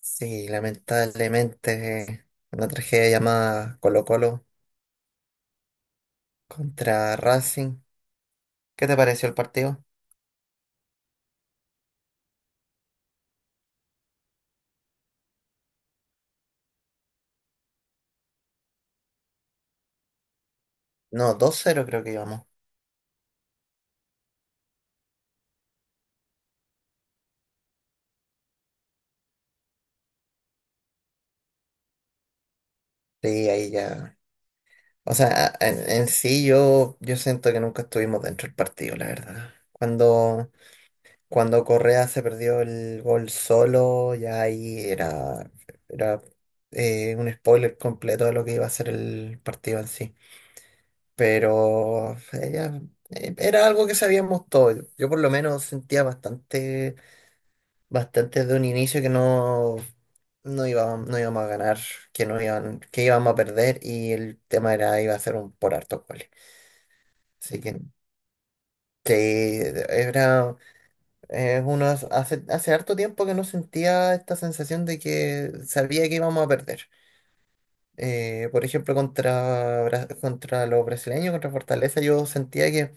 Sí, lamentablemente una tragedia llamada Colo-Colo contra Racing. ¿Qué te pareció el partido? No, 2-0 creo que íbamos. Sí, ahí ya. O sea, en sí yo siento que nunca estuvimos dentro del partido, la verdad. Cuando Correa se perdió el gol solo, ya ahí era un spoiler completo de lo que iba a ser el partido en sí. Pero ella, era algo que sabíamos todos. Yo por lo menos sentía bastante de un inicio que no iba, no íbamos a ganar, que no iban, que íbamos a perder y el tema era iba a ser un por hartos goles. Así que era uno hace harto tiempo que no sentía esta sensación de que sabía que íbamos a perder. Por ejemplo, contra los brasileños, contra Fortaleza, yo sentía que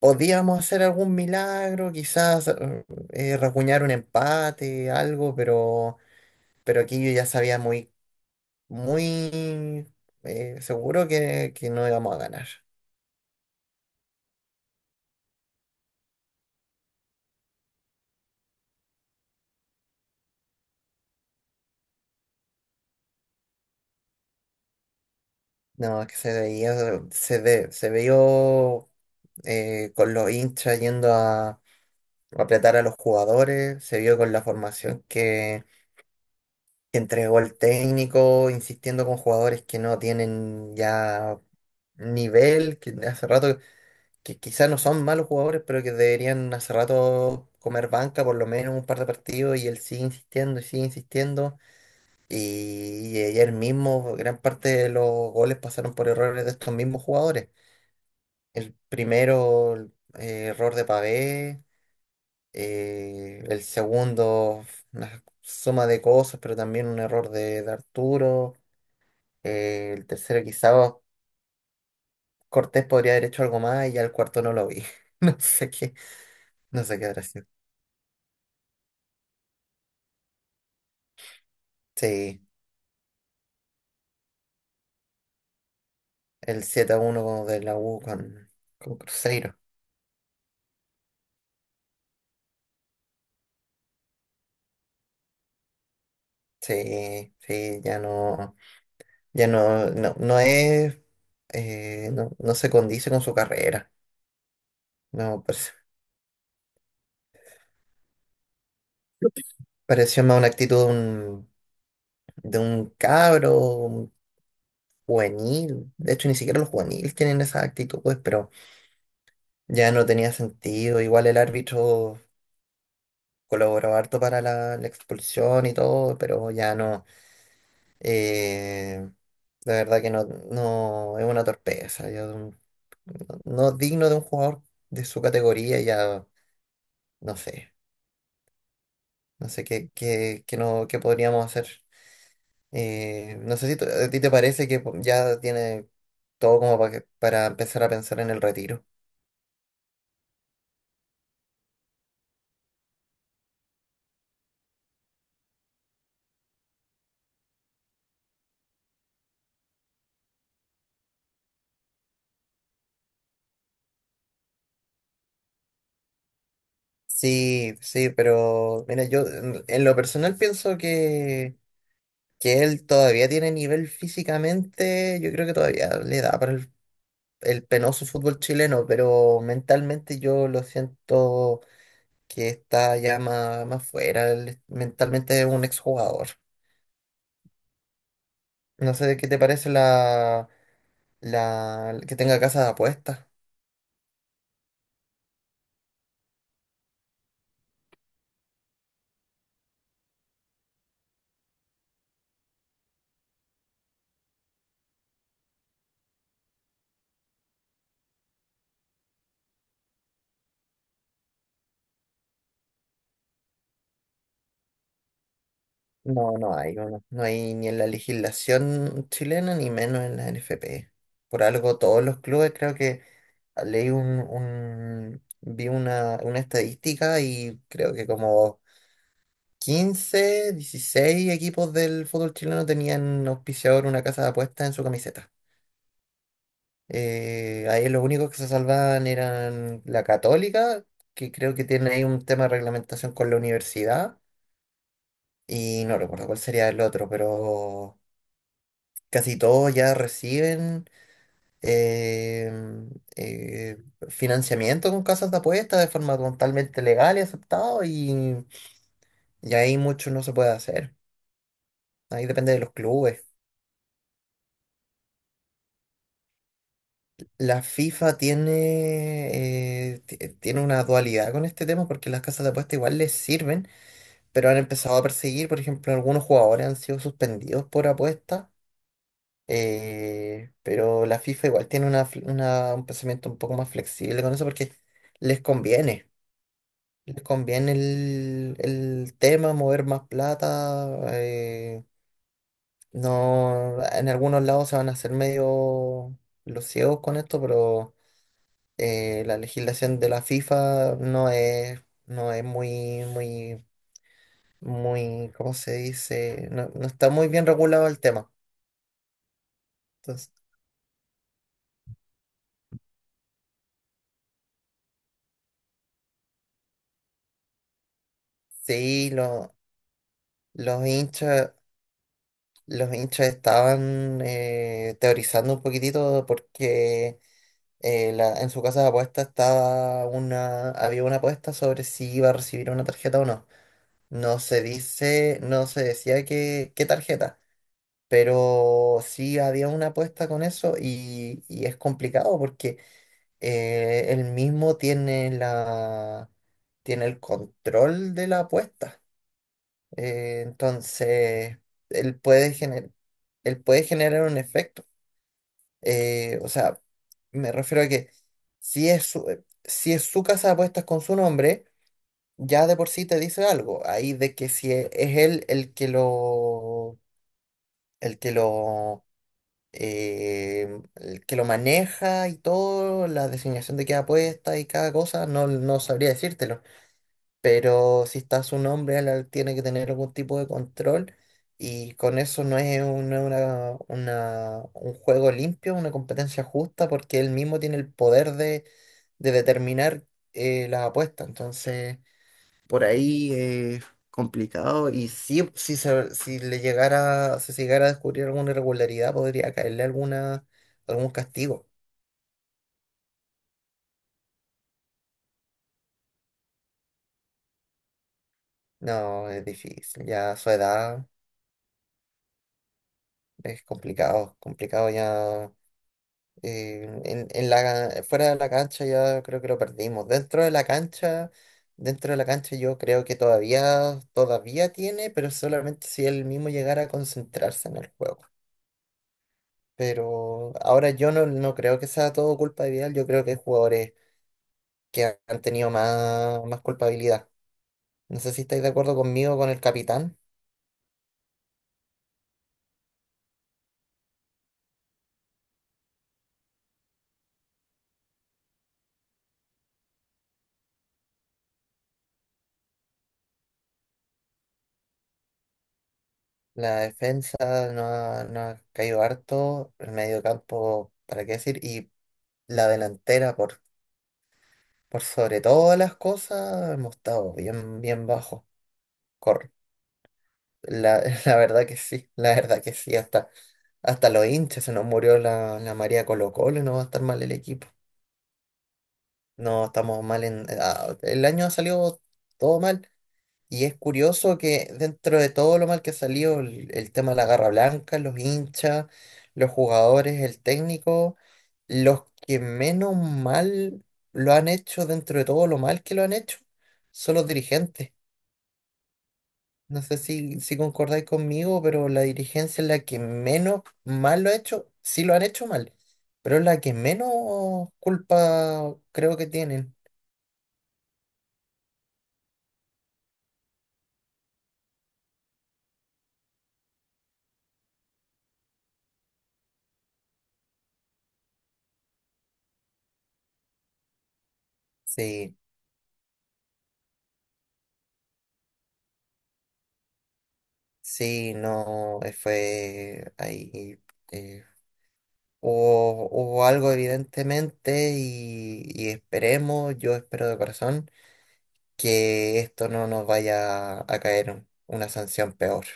podíamos hacer algún milagro, quizás rasguñar un empate, algo, pero aquí yo ya sabía muy seguro que no íbamos a ganar. No, es que se veía, se ve, se vio con los hinchas yendo a apretar a los jugadores, se vio con la formación que entregó el técnico, insistiendo con jugadores que no tienen ya nivel, que hace rato. Que quizás no son malos jugadores, pero que deberían hace rato comer banca por lo menos un par de partidos y él sigue insistiendo y sigue insistiendo. Y ayer mismo gran parte de los goles pasaron por errores de estos mismos jugadores. El primero, error de Pavé, el segundo, una suma de cosas, pero también un error de Arturo. El tercero quizás Cortés podría haber hecho algo más y ya el cuarto no lo vi. No sé qué, no sé qué habrá sido. Sí. El 7-1 de la U con Cruzeiro. Sí, sí, ya no, no, no se condice con su carrera. No, parece- Pareció más una actitud de un cabro, un juvenil. De hecho, ni siquiera los juveniles tienen esa actitud, pues, pero ya no tenía sentido. Igual el árbitro colaboró harto para la expulsión y todo, pero ya no. Eh, la verdad que no, no es una torpeza, ya de un- no es digno de un jugador de su categoría, ya no sé, no sé qué podríamos hacer. No sé si t- a ti te parece que ya tiene todo como para empezar a pensar en el retiro. Sí, sí, pero mira, yo en lo personal pienso que él todavía tiene nivel físicamente, yo creo que todavía le da el penoso fútbol chileno, pero mentalmente yo lo siento que está ya más fuera, él mentalmente es un exjugador. No sé de qué te parece la que tenga casa de apuestas. No, no hay ni en la legislación chilena ni menos en la NFP. Por algo todos los clubes creo que leí vi una estadística y creo que como 15, 16 equipos del fútbol chileno tenían auspiciador una casa de apuestas en su camiseta. Ahí los únicos que se salvaban eran la Católica, que creo que tiene ahí un tema de reglamentación con la universidad, y no recuerdo cuál sería el otro, pero casi todos ya reciben eh, eh, financiamiento con casas de apuestas de forma totalmente legal y aceptado, y ahí mucho no se puede hacer. Ahí depende de los clubes. La FIFA tiene, tiene una dualidad con este tema porque las casas de apuesta igual les sirven, pero han empezado a perseguir, por ejemplo, algunos jugadores han sido suspendidos por apuesta, pero la FIFA igual tiene un pensamiento un poco más flexible con eso porque les conviene, les conviene el tema, mover más plata, eh, no, en algunos lados se van a hacer medio los ciegos con esto, pero... la legislación de la FIFA no es muy, ¿cómo se dice? No, no está muy bien regulado el tema. Entonces, sí, los hinchas, los hinchas estaban teorizando un poquitito porque en su casa de apuestas había una apuesta sobre si iba a recibir una tarjeta o no. No se decía qué qué tarjeta. Pero sí había una apuesta con eso y es complicado porque él mismo tiene tiene el control de la apuesta. Eh, entonces, él puede gener- Él puede generar un efecto. O sea, me refiero a que si es si es su casa de apuestas con su nombre, ya de por sí te dice algo. Ahí de que si es él el que lo el que lo maneja y todo, la designación de cada puesta y cada cosa, no sabría decírtelo. Pero si está su nombre, él tiene que tener algún tipo de control. Y con eso no es un juego limpio, una competencia justa, porque él mismo tiene el poder de determinar las apuestas. Entonces por ahí es complicado. Y sí, si le llegara, si se llegara a descubrir alguna irregularidad, podría caerle algún castigo. No, es difícil. Ya a su edad es complicado, complicado ya. En la, fuera de la cancha ya creo que lo perdimos. Dentro de la cancha yo creo que todavía tiene, pero solamente si él mismo llegara a concentrarse en el juego. Pero ahora yo no, no creo que sea todo culpa de Vidal, yo creo que hay jugadores que han tenido más culpabilidad. No sé si estáis de acuerdo conmigo con el capitán. La defensa no ha caído harto, el medio campo, ¿para qué decir? Y la delantera, por sobre todas las cosas, hemos estado bien, bien bajo. Cor- la verdad que sí, la verdad que sí, hasta los hinchas se nos murió la María Colo Colo no va a estar mal el equipo. No, estamos mal en... el año ha salido todo mal. Y es curioso que dentro de todo lo mal que ha salido, el tema de la garra blanca, los hinchas, los jugadores, el técnico, los que menos mal lo han hecho dentro de todo lo mal que lo han hecho, son los dirigentes. No sé si concordáis conmigo, pero la dirigencia es la que menos mal lo ha hecho. Sí lo han hecho mal, pero es la que menos culpa creo que tienen. Sí. Sí, no, fue ahí. eh, Hubo algo evidentemente y esperemos, yo espero de corazón, que esto no nos vaya a caer una sanción peor.